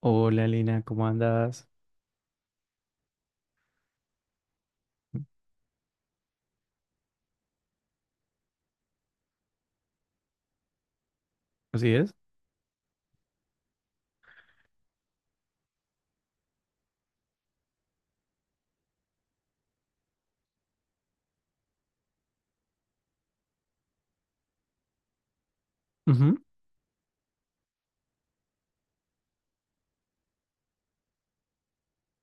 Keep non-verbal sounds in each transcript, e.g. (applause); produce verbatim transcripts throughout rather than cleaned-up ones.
Hola Lina, ¿cómo andas? ¿Así es? Ujú.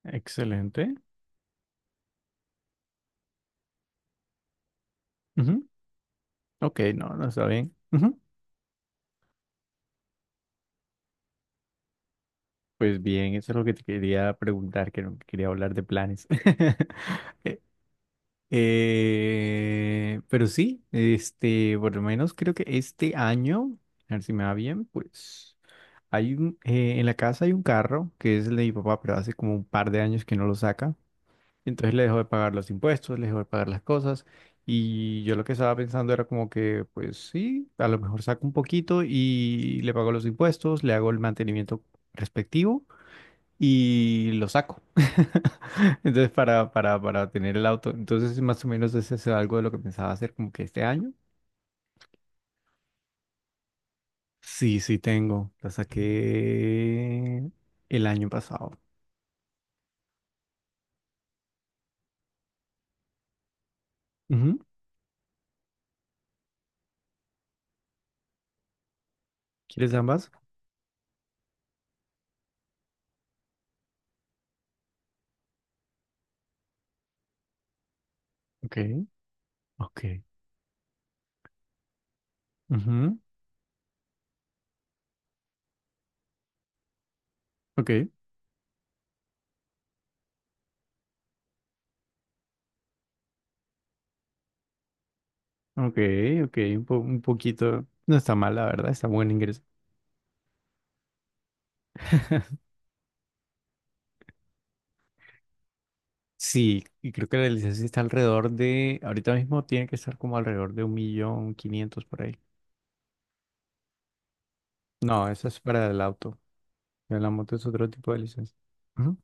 Excelente. Ujú. Ok, no, no está bien. Ujú. Pues bien, eso es lo que te quería preguntar, que no- quería hablar de planes. (laughs) Eh, eh, pero sí, este, por lo menos creo que este año, a ver si me va bien, pues hay un, eh, en la casa hay un carro que es el de mi papá, pero hace como un par de años que no lo saca. Entonces le dejó de pagar los impuestos, le dejó de pagar las cosas. Y yo lo que estaba pensando era como que, pues sí, a lo mejor saco un poquito y le pago los impuestos, le hago el mantenimiento respectivo y lo saco. (laughs) Entonces para, para, para tener el auto. Entonces más o menos ese es algo de lo que pensaba hacer como que este año. Sí, sí tengo. La saqué el año pasado. Ujú. ¿Quieres ambas? Ok. Ok. Ujú. Ok. Ok, ok, un, po- un poquito. No está mal, la verdad, está buen ingreso. (laughs) Sí, y creo que la licencia está alrededor de, ahorita mismo tiene que estar como alrededor de un millón quinientos por ahí. No, eso es para el auto. En la moto es otro tipo de licencia. Ujú.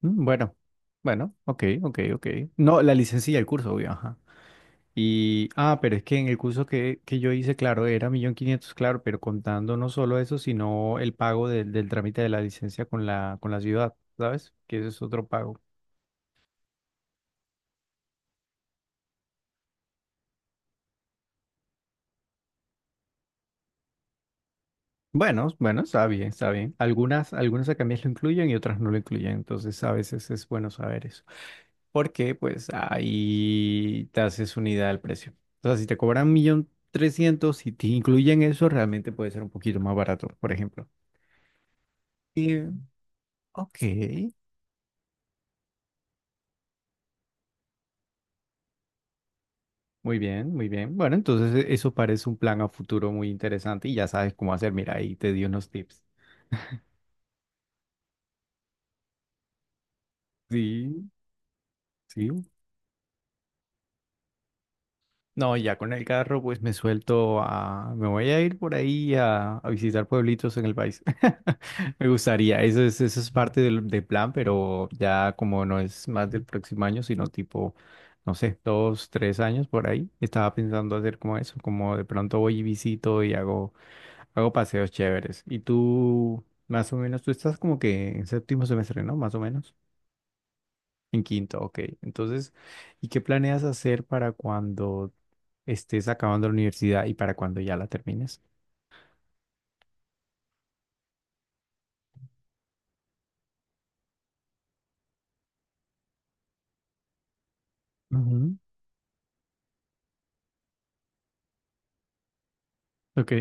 Mm. Bueno, bueno, ok, ok, ok. No, la licencia y el curso, obvio, ajá. Y, ah, pero es que en el curso que, que yo hice, claro, era millón quinientos, claro, pero contando no solo eso, sino el pago del del trámite de la licencia con la, con la ciudad, ¿sabes? Que ese es otro pago. Bueno, bueno, está bien, está bien. Algunas, algunas academias lo incluyen y otras no lo incluyen, entonces a veces es bueno saber eso. Porque pues ahí te haces una idea del precio. O sea, si te cobran un millón trescientos y te incluyen eso, realmente puede ser un poquito más barato, por ejemplo. Y, ok, muy bien, muy bien. Bueno, entonces e- eso parece un plan a futuro muy interesante y ya sabes cómo hacer. Mira, ahí te di unos tips. Sí, sí. No, ya con el carro pues me suelto a... Me voy a ir por ahí a, a visitar pueblitos en el país. (laughs) Me gustaría, eso es, eso es parte del, del plan, pero ya como no es más del próximo año, sino tipo, no sé, dos, tres años por ahí, estaba pensando hacer como eso, como de pronto voy y visito y hago, hago paseos chéveres. Y tú, más o menos, tú estás como que en séptimo semestre, ¿no? Más o menos. En quinto, ok. Entonces, ¿y qué planeas hacer para cuando estés acabando la universidad y para cuando ya la termines? Ujú. Ok,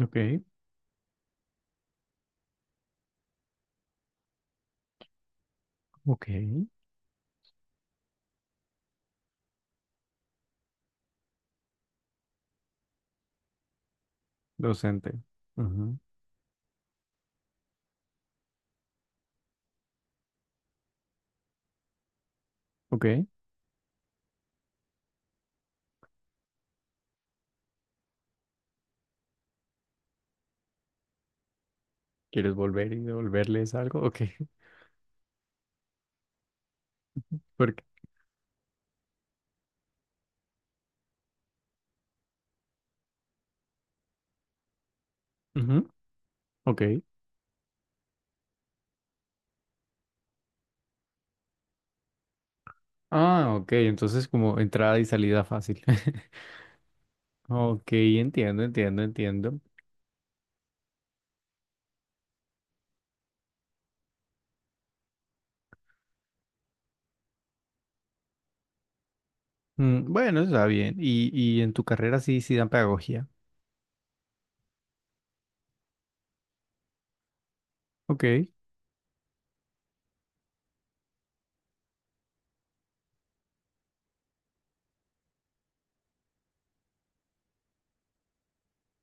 ok, ok. Docente. Ujú. Ok. ¿Quieres volver y devolverles algo? Ok. (laughs) Porque, ujú. Ok. Ah, ok. Entonces como entrada y salida fácil. (laughs) Ok, entiendo, entiendo, entiendo. Mm, bueno, está bien. Y, y en tu carrera sí, sí dan pedagogía. Ok,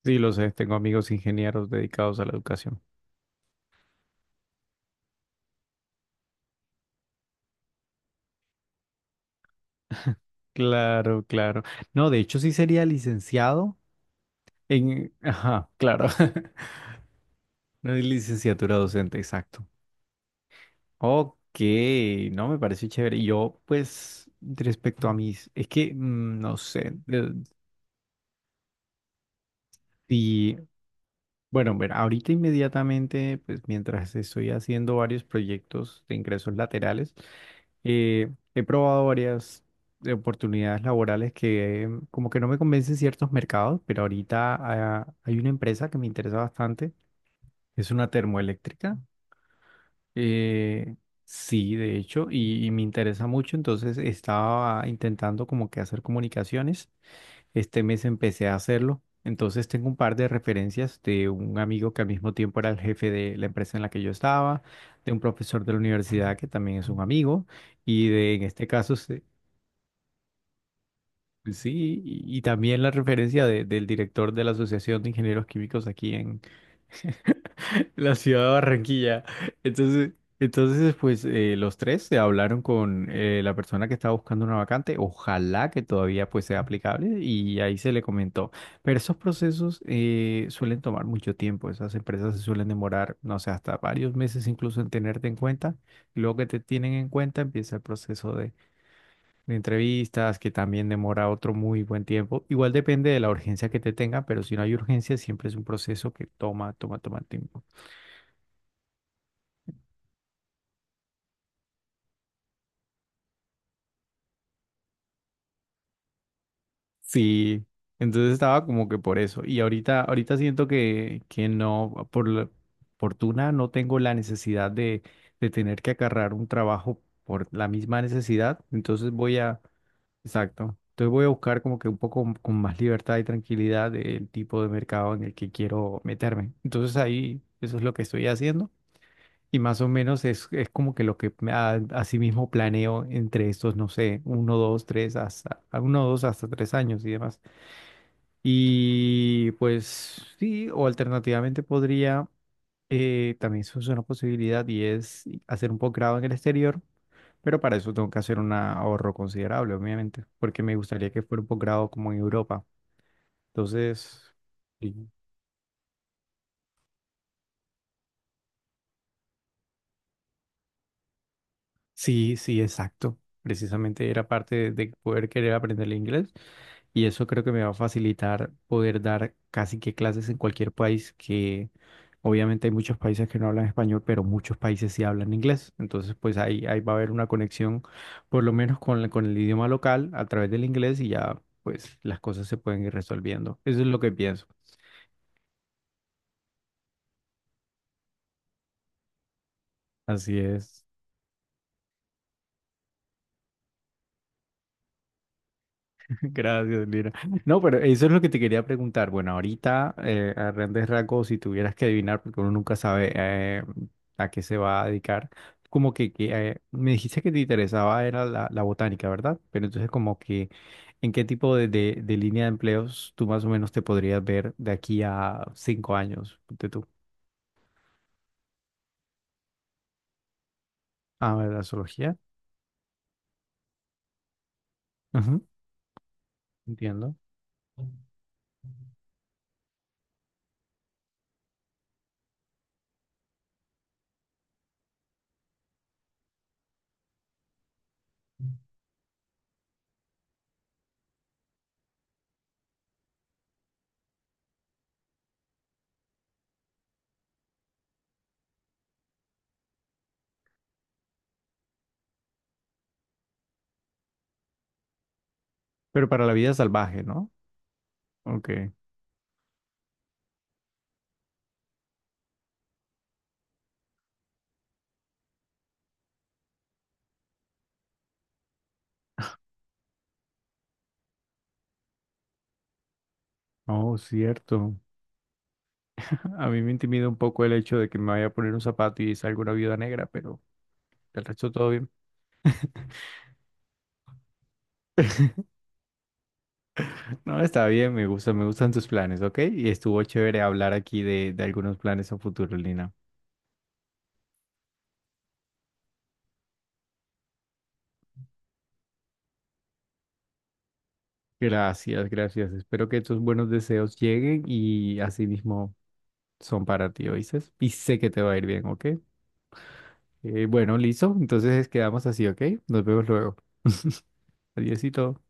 sí lo sé, tengo amigos ingenieros dedicados a la educación. Claro, claro. No, de hecho sí sería licenciado. En, ajá, claro. (laughs) No es licenciatura docente, exacto. Ok, no me pareció chévere. Y yo, pues, respecto a mis, es que mm, no sé, de- si, bueno, ver, ahorita inmediatamente, pues, mientras estoy haciendo varios proyectos de ingresos laterales, eh, he probado varias eh, oportunidades laborales que eh, como que no me convencen ciertos mercados, pero ahorita ah, hay una empresa que me interesa bastante, es una termoeléctrica. Eh, sí, de hecho, y, y me interesa mucho, entonces estaba intentando como que hacer comunicaciones. Este mes empecé a hacerlo, entonces tengo un par de referencias de un amigo que al mismo tiempo era el jefe de la empresa en la que yo estaba, de un profesor de la universidad que también es un amigo, y de, en este caso, se- pues sí, y, y también la referencia de- del director de la Asociación de Ingenieros Químicos aquí la ciudad de Barranquilla. Entonces, entonces pues eh, los tres se hablaron con eh, la persona que estaba buscando una vacante, ojalá que todavía pues sea aplicable y ahí se le comentó. Pero esos procesos eh, suelen tomar mucho tiempo, esas empresas se suelen demorar, no sé, hasta varios meses incluso en tenerte en cuenta. Y luego que te tienen en cuenta empieza el proceso de, de entrevistas que también demora otro muy buen tiempo. Igual depende de la urgencia que te tenga, pero si no hay urgencia siempre es un proceso que toma, toma, toma tiempo. Sí, entonces estaba como que por eso. Y ahorita, ahorita siento que, que no, por la fortuna no tengo la necesidad de, de tener que agarrar un trabajo por la misma necesidad. Entonces voy a, exacto. Entonces voy a buscar como que un poco m- con más libertad y tranquilidad el tipo de mercado en el que quiero meterme. Entonces ahí eso es lo que estoy haciendo. Y más o menos es, es, como que lo que me- a, así mismo planeo entre estos, no sé, uno, dos, tres, hasta, a uno, dos, hasta tres años y demás. Y pues sí, o alternativamente podría, eh, también eso es una posibilidad y es hacer un posgrado en el exterior, pero para eso tengo que hacer un ahorro considerable, obviamente, porque me gustaría que fuera un posgrado como en Europa. Entonces, sí, sí, sí, exacto. Precisamente era parte de poder querer aprender el inglés y eso creo que me va a facilitar poder dar casi que clases en cualquier país que obviamente hay muchos países que no hablan español, pero muchos países sí hablan inglés. Entonces, pues ahí, ahí va a haber una conexión por lo menos con, la- con el idioma local a través del inglés y ya pues las cosas se pueden ir resolviendo. Eso es lo que pienso. Así es. (laughs) Gracias, Lina. No, pero eso es lo que te quería preguntar. Bueno, ahorita, eh, a grandes rasgos, si tuvieras que adivinar, porque uno nunca sabe eh, a qué se va a dedicar, como que, que, eh, me dijiste que te interesaba era la, la botánica, ¿verdad? Pero entonces como que, ¿en qué tipo de, de, de línea de empleos tú más o menos te podrías ver de aquí a cinco años? ¿De tú? Ah, la zoología. Ujú, entiendo. Pero para la vida salvaje, ¿no? Ok. Oh, cierto. A mí me intimida un poco el hecho de que me vaya a poner un zapato y salga una viuda negra, pero del resto todo bien. (laughs) No, está bien, me gusta, me gustan tus planes, ¿ok? Y estuvo chévere hablar aquí de, de algunos planes a futuro, Lina. Gracias, gracias. Espero que tus buenos deseos lleguen y así mismo son para ti, ¿oíste? Y sé que te va a ir bien, ¿ok? Eh, bueno, listo. Entonces quedamos así, ¿ok? Nos vemos luego. (laughs) Adiósito.